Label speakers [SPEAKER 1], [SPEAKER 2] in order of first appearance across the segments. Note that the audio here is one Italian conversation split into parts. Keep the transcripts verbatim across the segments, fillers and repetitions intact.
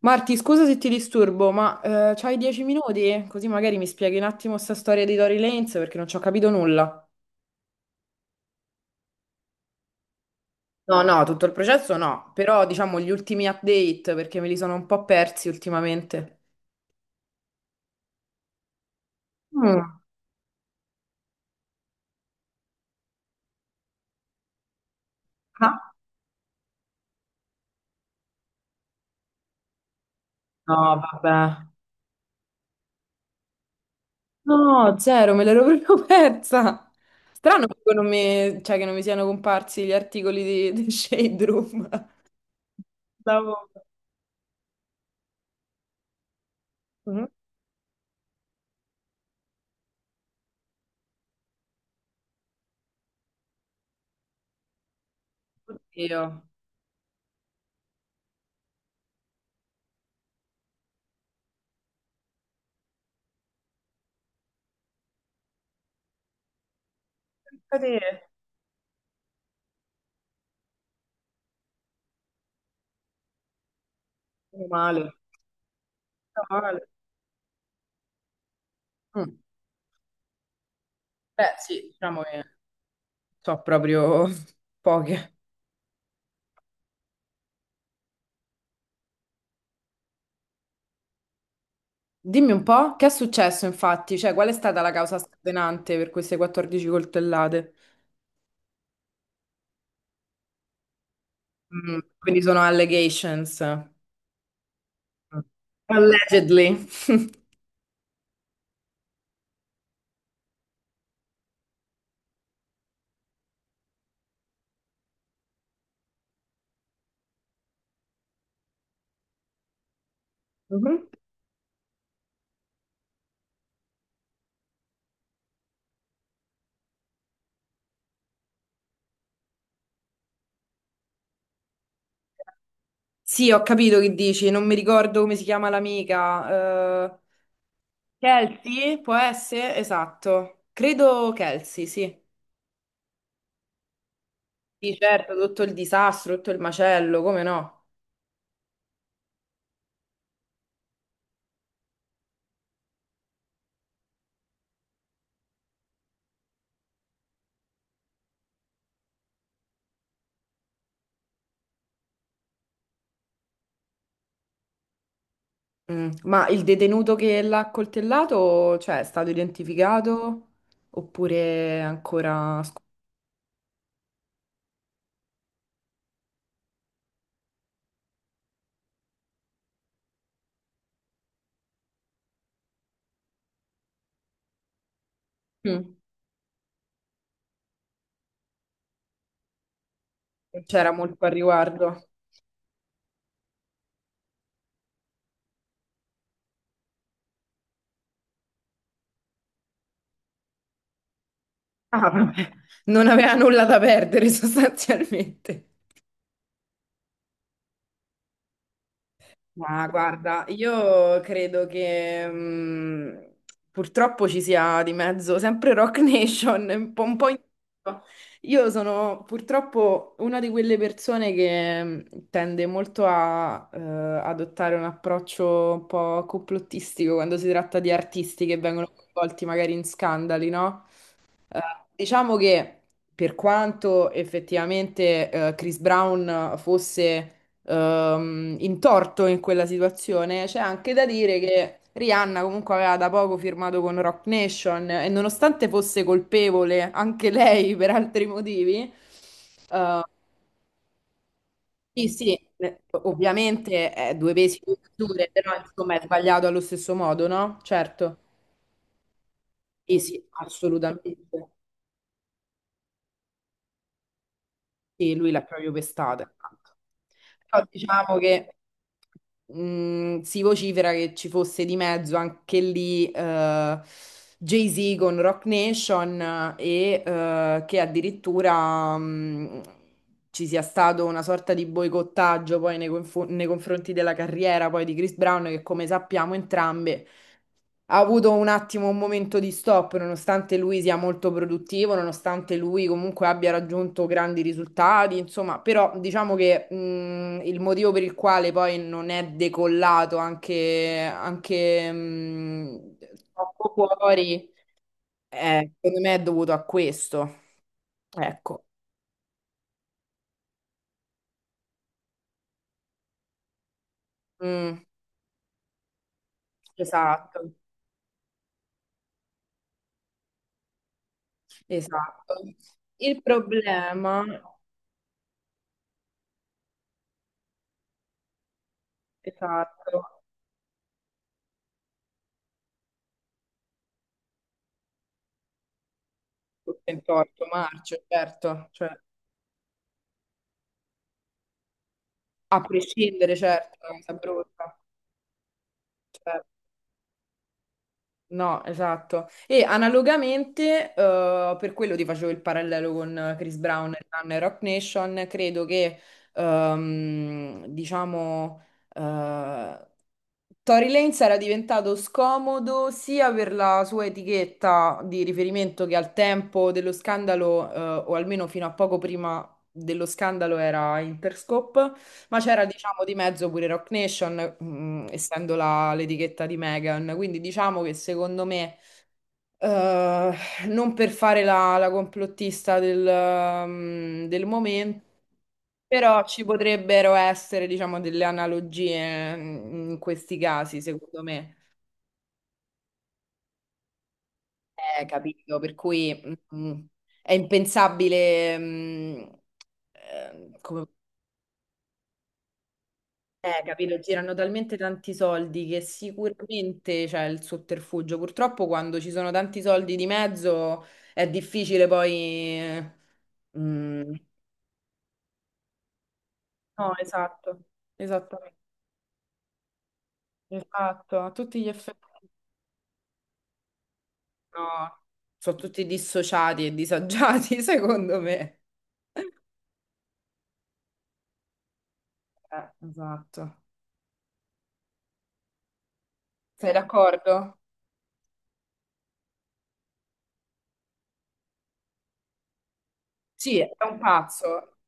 [SPEAKER 1] Marti, scusa se ti disturbo, ma eh, c'hai dieci minuti? Così magari mi spieghi un attimo sta storia di Tory Lanez perché non ci ho capito nulla. No, no, tutto il processo no, però diciamo gli ultimi update perché me li sono un po' persi ultimamente. Mm. Ah. No, vabbè. No, zero, me l'ero proprio persa. Strano Strano. Che non mi, cioè, che non mi siano comparsi gli articoli di, di Shade Room. Stavo. Mhm. Oddio. Pensa te. Meno male. Meno male. Mm. Beh, sì, diciamo che so proprio poche. Dimmi un po', che è successo infatti? Cioè, qual è stata la causa scatenante per queste quattordici coltellate? Mm, quindi sono allegations. Mm. Allegedly. Mhm. Sì, ho capito che dici, non mi ricordo come si chiama l'amica. eh, Kelsey, può essere? Esatto. Credo Kelsey, sì. Sì, certo, tutto il disastro, tutto il macello, come no? Mm, Ma il detenuto che l'ha accoltellato, cioè, è stato identificato oppure ancora sc- Mm. Non c'era molto a riguardo? Ah, vabbè. Non aveva nulla da perdere sostanzialmente. Ma guarda, io credo che mm, purtroppo ci sia di mezzo sempre Rock Nation, un po', un po' in- Io sono purtroppo una di quelle persone che mm, tende molto a eh, adottare un approccio un po' complottistico quando si tratta di artisti che vengono coinvolti magari in scandali, no? Eh, diciamo che per quanto effettivamente eh, Chris Brown fosse ehm, in torto in quella situazione, c'è anche da dire che Rihanna comunque aveva da poco firmato con Rock Nation e nonostante fosse colpevole anche lei per altri motivi, eh, sì, sì, eh, ovviamente è due pesi e due misure, però insomma è sbagliato allo stesso modo, no? Certo, sì, sì, assolutamente. Sì, lui l'ha proprio pestata. Esatto. Però diciamo che mh, si vocifera che ci fosse di mezzo anche lì eh, Jay-Z con Rock Nation eh, e eh, che addirittura mh, ci sia stato una sorta di boicottaggio poi nei, confo- nei confronti della carriera poi di Chris Brown che come sappiamo entrambe ha avuto un attimo un momento di stop, nonostante lui sia molto produttivo, nonostante lui comunque abbia raggiunto grandi risultati, insomma, però diciamo che mh, il motivo per il quale poi non è decollato anche, anche mh, troppo fuori, eh, secondo me è dovuto a questo. Ecco. Mm. Esatto, esatto. Il problema, esatto, tutto intorno, marcio, certo, cioè. A prescindere, certo, è una cosa brutta. Certo. No, esatto. E analogamente, eh, per quello ti facevo il parallelo con Chris Brown e Nan e Rock Nation, credo che, ehm, diciamo, eh, Tory Lanez era diventato scomodo sia per la sua etichetta di riferimento che al tempo dello scandalo, eh, o almeno fino a poco prima dello scandalo era Interscope. Ma c'era, diciamo, di mezzo pure Rock Nation, mm, essendo la- l'etichetta di Megan. Quindi diciamo che secondo me, eh, non per fare la, la complottista del, ehm, del momento, però ci potrebbero essere, diciamo, delle analogie mm, in questi casi, secondo me. Eh, capito, per cui mm, è impensabile, mm, eh, come. Eh, capito, girano talmente tanti soldi che sicuramente c'è il sotterfugio. Purtroppo quando ci sono tanti soldi di mezzo è difficile poi. eh, mm, No, esatto, esattamente, esatto, a tutti gli effetti. No, sono tutti dissociati e disagiati, secondo me. Eh, esatto. Sei d'accordo? Sì, è un pazzo.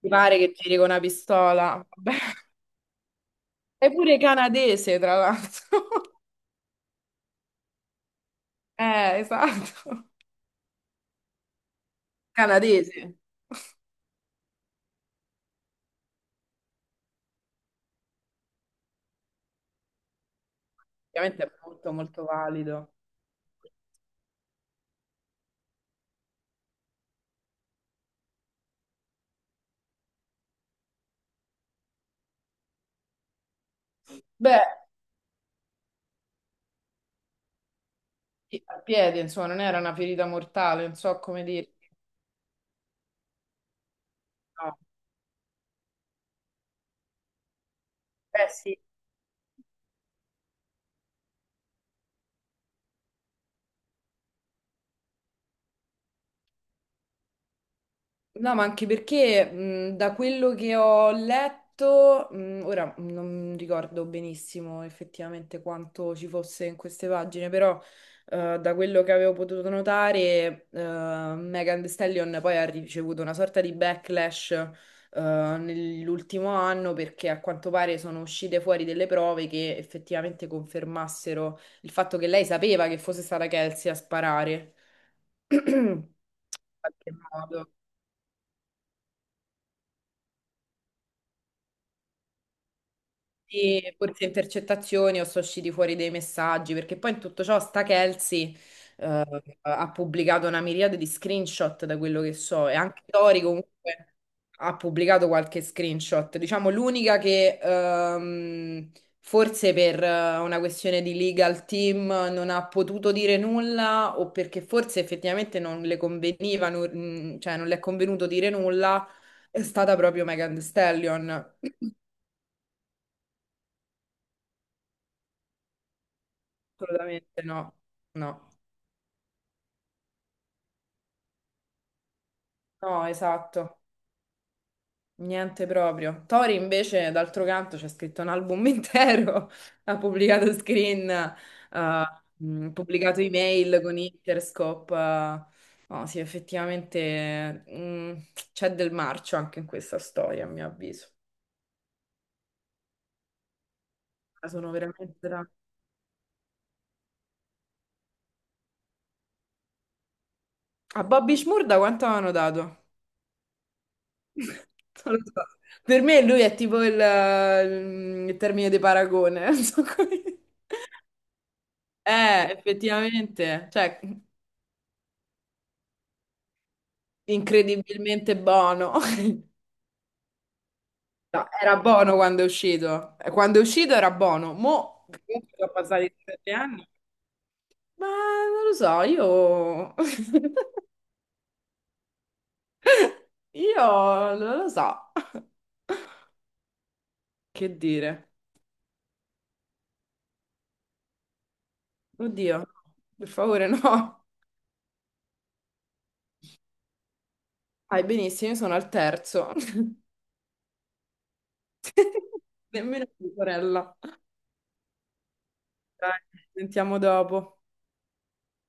[SPEAKER 1] Ti pare che giri con una pistola? Vabbè. È pure canadese, tra l'altro. Eh, esatto. Canadese, ovviamente è molto molto valido. Beh, sì, al piede, insomma, non era una ferita mortale, non so come dire. No. Eh sì, no, ma anche perché mh, da quello che ho letto, mh, ora non ricordo benissimo effettivamente quanto ci fosse in queste pagine, però eh, da quello che avevo potuto notare, eh, Megan Thee Stallion poi ha ricevuto una sorta di backlash eh, nell'ultimo anno perché a quanto pare sono uscite fuori delle prove che effettivamente confermassero il fatto che lei sapeva che fosse stata Kelsey a sparare. In qualche modo. Sì, forse intercettazioni o sono usciti fuori dei messaggi, perché poi in tutto ciò sta Kelsey eh, ha pubblicato una miriade di screenshot da quello che so e anche Tori comunque ha pubblicato qualche screenshot, diciamo l'unica che ehm, forse per eh, una questione di legal team non ha potuto dire nulla o perché forse effettivamente non le conveniva, non- cioè non le è convenuto dire nulla, è stata proprio Megan Thee Stallion. Assolutamente no, no, no, esatto, niente proprio. Tori invece, d'altro canto, c'è scritto un album intero, ha pubblicato screen, eh, mh, pubblicato email con Interscope. eh. No, sì, effettivamente mh, c'è del marcio anche in questa storia, a mio avviso. Sono veramente. Da- A Bobby Shmurda da quanto avevano dato? Non lo so. Per me lui è tipo il, il termine di paragone. Non so come- Eh, effettivamente, cioè, incredibilmente buono. No, era buono quando è uscito. Eh, Quando è uscito era buono. Mo' comunque sono passati sette anni. Ma non lo so, io. Io non lo so. Che dire? Oddio, per favore, no. Vai benissimo, io sono al terzo. Nemmeno mia sorella. Dai, ci sentiamo dopo.